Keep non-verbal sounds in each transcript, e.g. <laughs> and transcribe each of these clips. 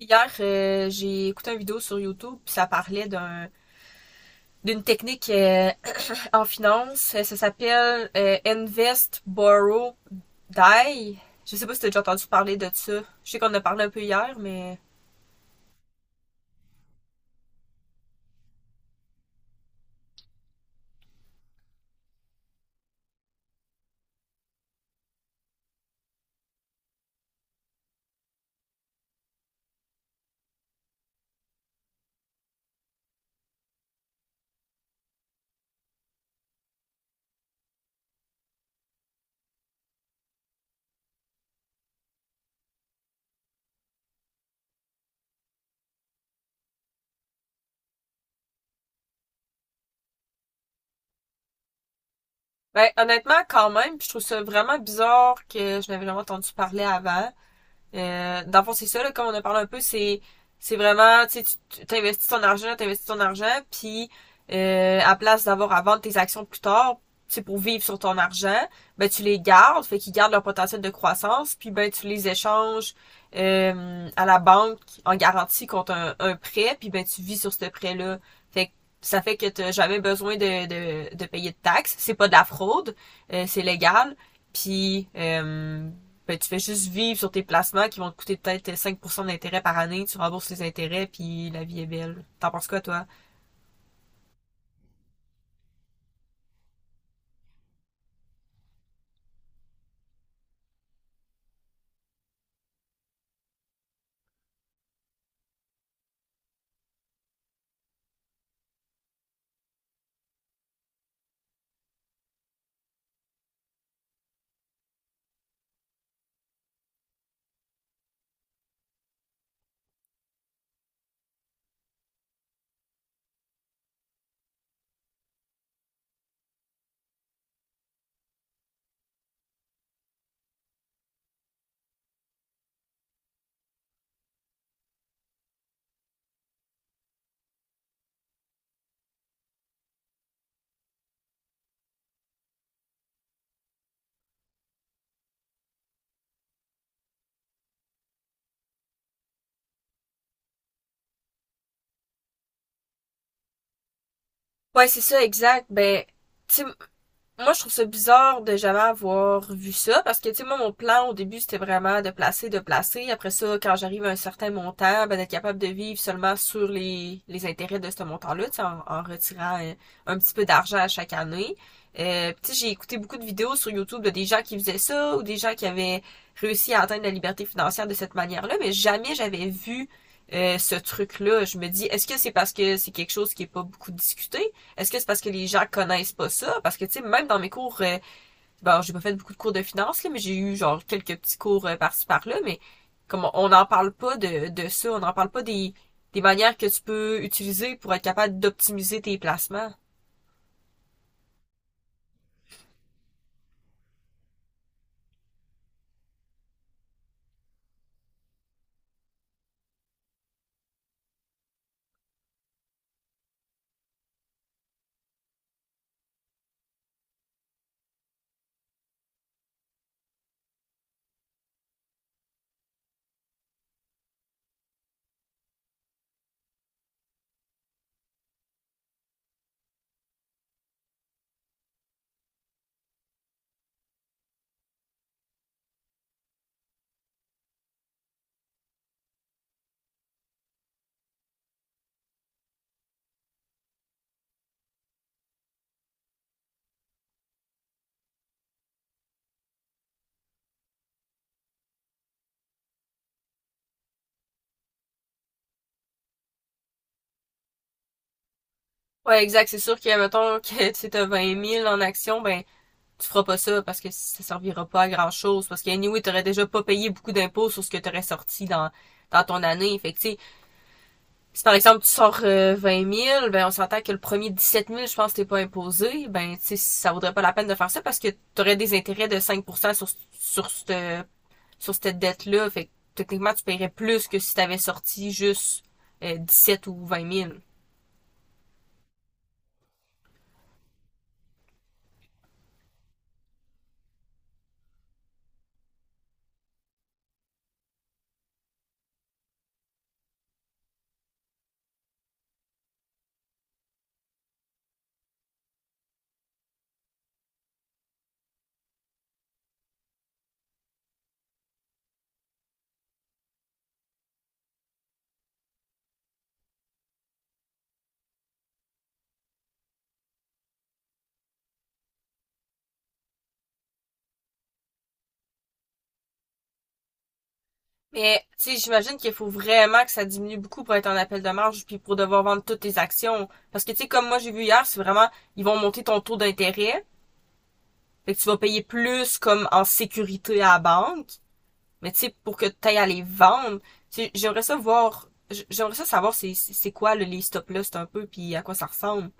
Hier, j'ai écouté une vidéo sur YouTube, puis ça parlait d'une technique <coughs> <clears throat> en finance. Ça s'appelle Invest, Borrow, Die. Je sais pas si t'as déjà entendu parler de ça. Je sais qu'on en a parlé un peu hier, mais ben, honnêtement, quand même, puis je trouve ça vraiment bizarre que je n'avais jamais entendu parler avant. Dans le fond, c'est ça, là, comme on a parlé un peu, c'est vraiment, tu sais, tu investis ton argent, puis à place d'avoir à vendre tes actions plus tard, c'est pour vivre sur ton argent, ben tu les gardes, fait qu'ils gardent leur potentiel de croissance, puis ben tu les échanges à la banque en garantie contre un prêt, puis ben tu vis sur ce prêt-là. Fait que ça fait que t'as jamais besoin de payer de taxes. C'est pas de la fraude, c'est légal. Puis ben, tu fais juste vivre sur tes placements qui vont te coûter peut-être 5% d'intérêt par année, tu rembourses les intérêts, puis la vie est belle. T'en penses quoi, toi? Ouais, c'est ça, exact. Ben, tu sais, moi, je trouve ça bizarre de jamais avoir vu ça parce que, tu sais, moi, mon plan au début, c'était vraiment de placer, de placer. Après ça, quand j'arrive à un certain montant, ben, d'être capable de vivre seulement sur les intérêts de ce montant-là, tu sais, en retirant un petit peu d'argent à chaque année. Tu sais, j'ai écouté beaucoup de vidéos sur YouTube de des gens qui faisaient ça ou des gens qui avaient réussi à atteindre la liberté financière de cette manière-là, mais jamais j'avais vu ce truc-là. Je me dis, est-ce que c'est parce que c'est quelque chose qui est pas beaucoup discuté? Est-ce que c'est parce que les gens connaissent pas ça? Parce que, tu sais, même dans mes cours, bon, j'ai pas fait beaucoup de cours de finance, là, mais j'ai eu, genre, quelques petits cours par-ci, par-là, mais comme on n'en parle pas de ça, on n'en parle pas des manières que tu peux utiliser pour être capable d'optimiser tes placements. Ouais, exact. C'est sûr que, mettons, que <laughs> tu as 20 000 en action, ben, tu feras pas ça parce que ça servira pas à grand chose. Parce que, anyway, t'aurais déjà pas payé beaucoup d'impôts sur ce que t'aurais sorti dans ton année. Fait que, tu sais, si par exemple tu sors 20 000, ben on s'entend que le premier 17 000, je pense que t'es pas imposé, ben tu sais, ça vaudrait pas la peine de faire ça parce que t'aurais des intérêts de 5 sur, sur cette, sur cette dette-là. Fait que techniquement, tu paierais plus que si t'avais sorti juste 17 ou 20 000. Mais tu sais, j'imagine qu'il faut vraiment que ça diminue beaucoup pour être en appel de marge puis pour devoir vendre toutes tes actions. Parce que tu sais, comme moi j'ai vu hier, c'est vraiment ils vont monter ton taux d'intérêt. Fait que tu vas payer plus comme en sécurité à la banque. Mais tu sais, pour que tu ailles à les vendre, tu sais, j'aimerais ça voir, j'aimerais ça savoir c'est quoi les stocks là, c'est un peu, puis à quoi ça ressemble.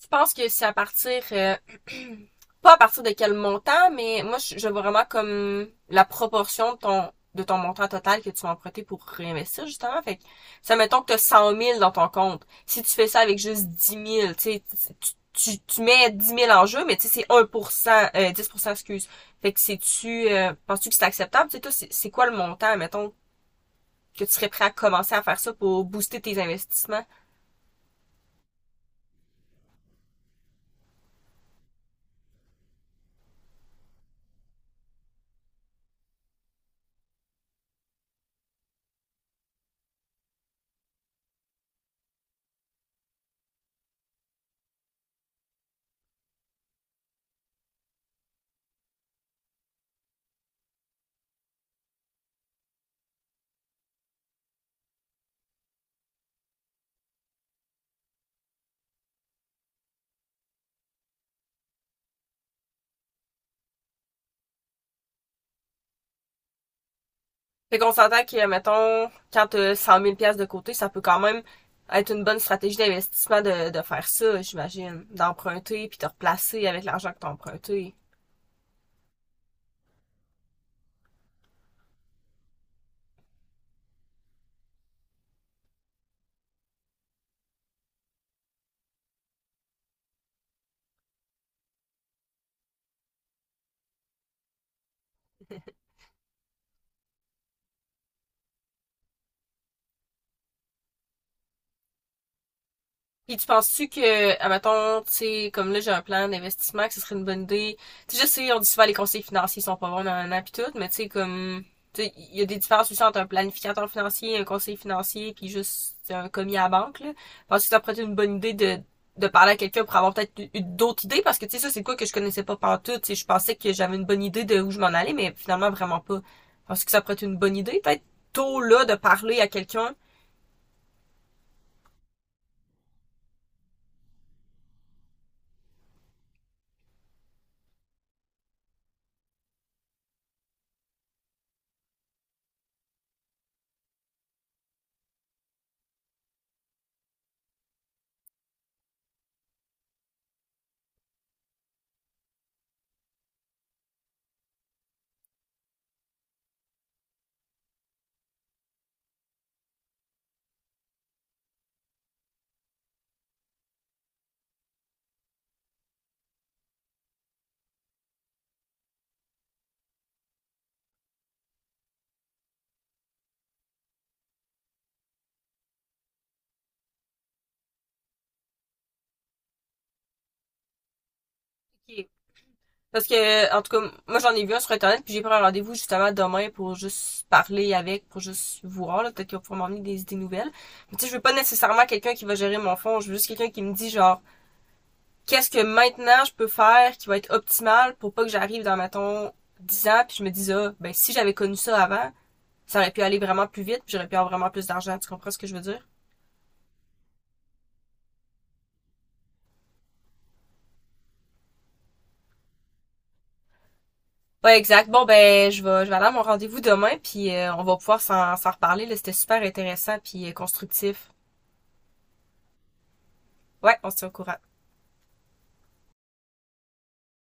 Tu penses que c'est à partir, <clears throat> <coughs> pas à partir de quel montant, mais moi, je vois vraiment comme la proportion de ton, montant total que tu vas emprunter pour réinvestir, justement. Fait que, ça mettons que tu as 100 000 dans ton compte. Si tu fais ça avec juste 10 000, tu sais, tu mets 10 000 en jeu, mais tu sais, c'est 1%, 10% excuse. Fait que c'est-tu, penses-tu que c'est acceptable? Tu sais, toi, c'est quoi le montant, mettons, que tu serais prêt à commencer à faire ça pour booster tes investissements? Fait qu'on s'entend que, mettons, quand t'as 100 000 pièces de côté, ça peut quand même être une bonne stratégie d'investissement de faire ça, j'imagine. D'emprunter puis de replacer avec l'argent que t'as emprunté. Puis tu penses-tu que, admettons, tu sais, comme là j'ai un plan d'investissement, que ce serait une bonne idée. Tu sais, je sais, on dit souvent les conseillers financiers sont pas bons, nanana, pis tout, mais tu sais, comme, tu sais, il y a des différences aussi entre un planificateur financier, un conseiller financier, puis juste un commis à la banque, là. Penses-tu que ça pourrait être une bonne idée de parler à quelqu'un pour avoir peut-être eu d'autres idées? Parce que, tu sais, ça, c'est quoi que je connaissais pas partout, tu sais, je pensais que j'avais une bonne idée de où je m'en allais, mais finalement, vraiment pas. Penses-tu que ça pourrait être une bonne idée, peut-être, tôt là, de parler à quelqu'un? Ok, parce que, en tout cas, moi j'en ai vu un sur Internet, puis j'ai pris un rendez-vous justement demain pour juste parler avec, pour juste voir, là, peut-être qu'ils vont pouvoir m'emmener des idées nouvelles. Mais tu sais, je veux pas nécessairement quelqu'un qui va gérer mon fonds, je veux juste quelqu'un qui me dit genre, qu'est-ce que maintenant je peux faire qui va être optimal pour pas que j'arrive dans, mettons, 10 ans, puis je me dise, ah, ben si j'avais connu ça avant, ça aurait pu aller vraiment plus vite, puis j'aurais pu avoir vraiment plus d'argent, tu comprends ce que je veux dire? Ouais, exact. Bon, ben, je vais aller à mon rendez-vous demain, puis on va pouvoir s'en reparler, là, c'était super intéressant, puis constructif. Ouais, on se tient au courant.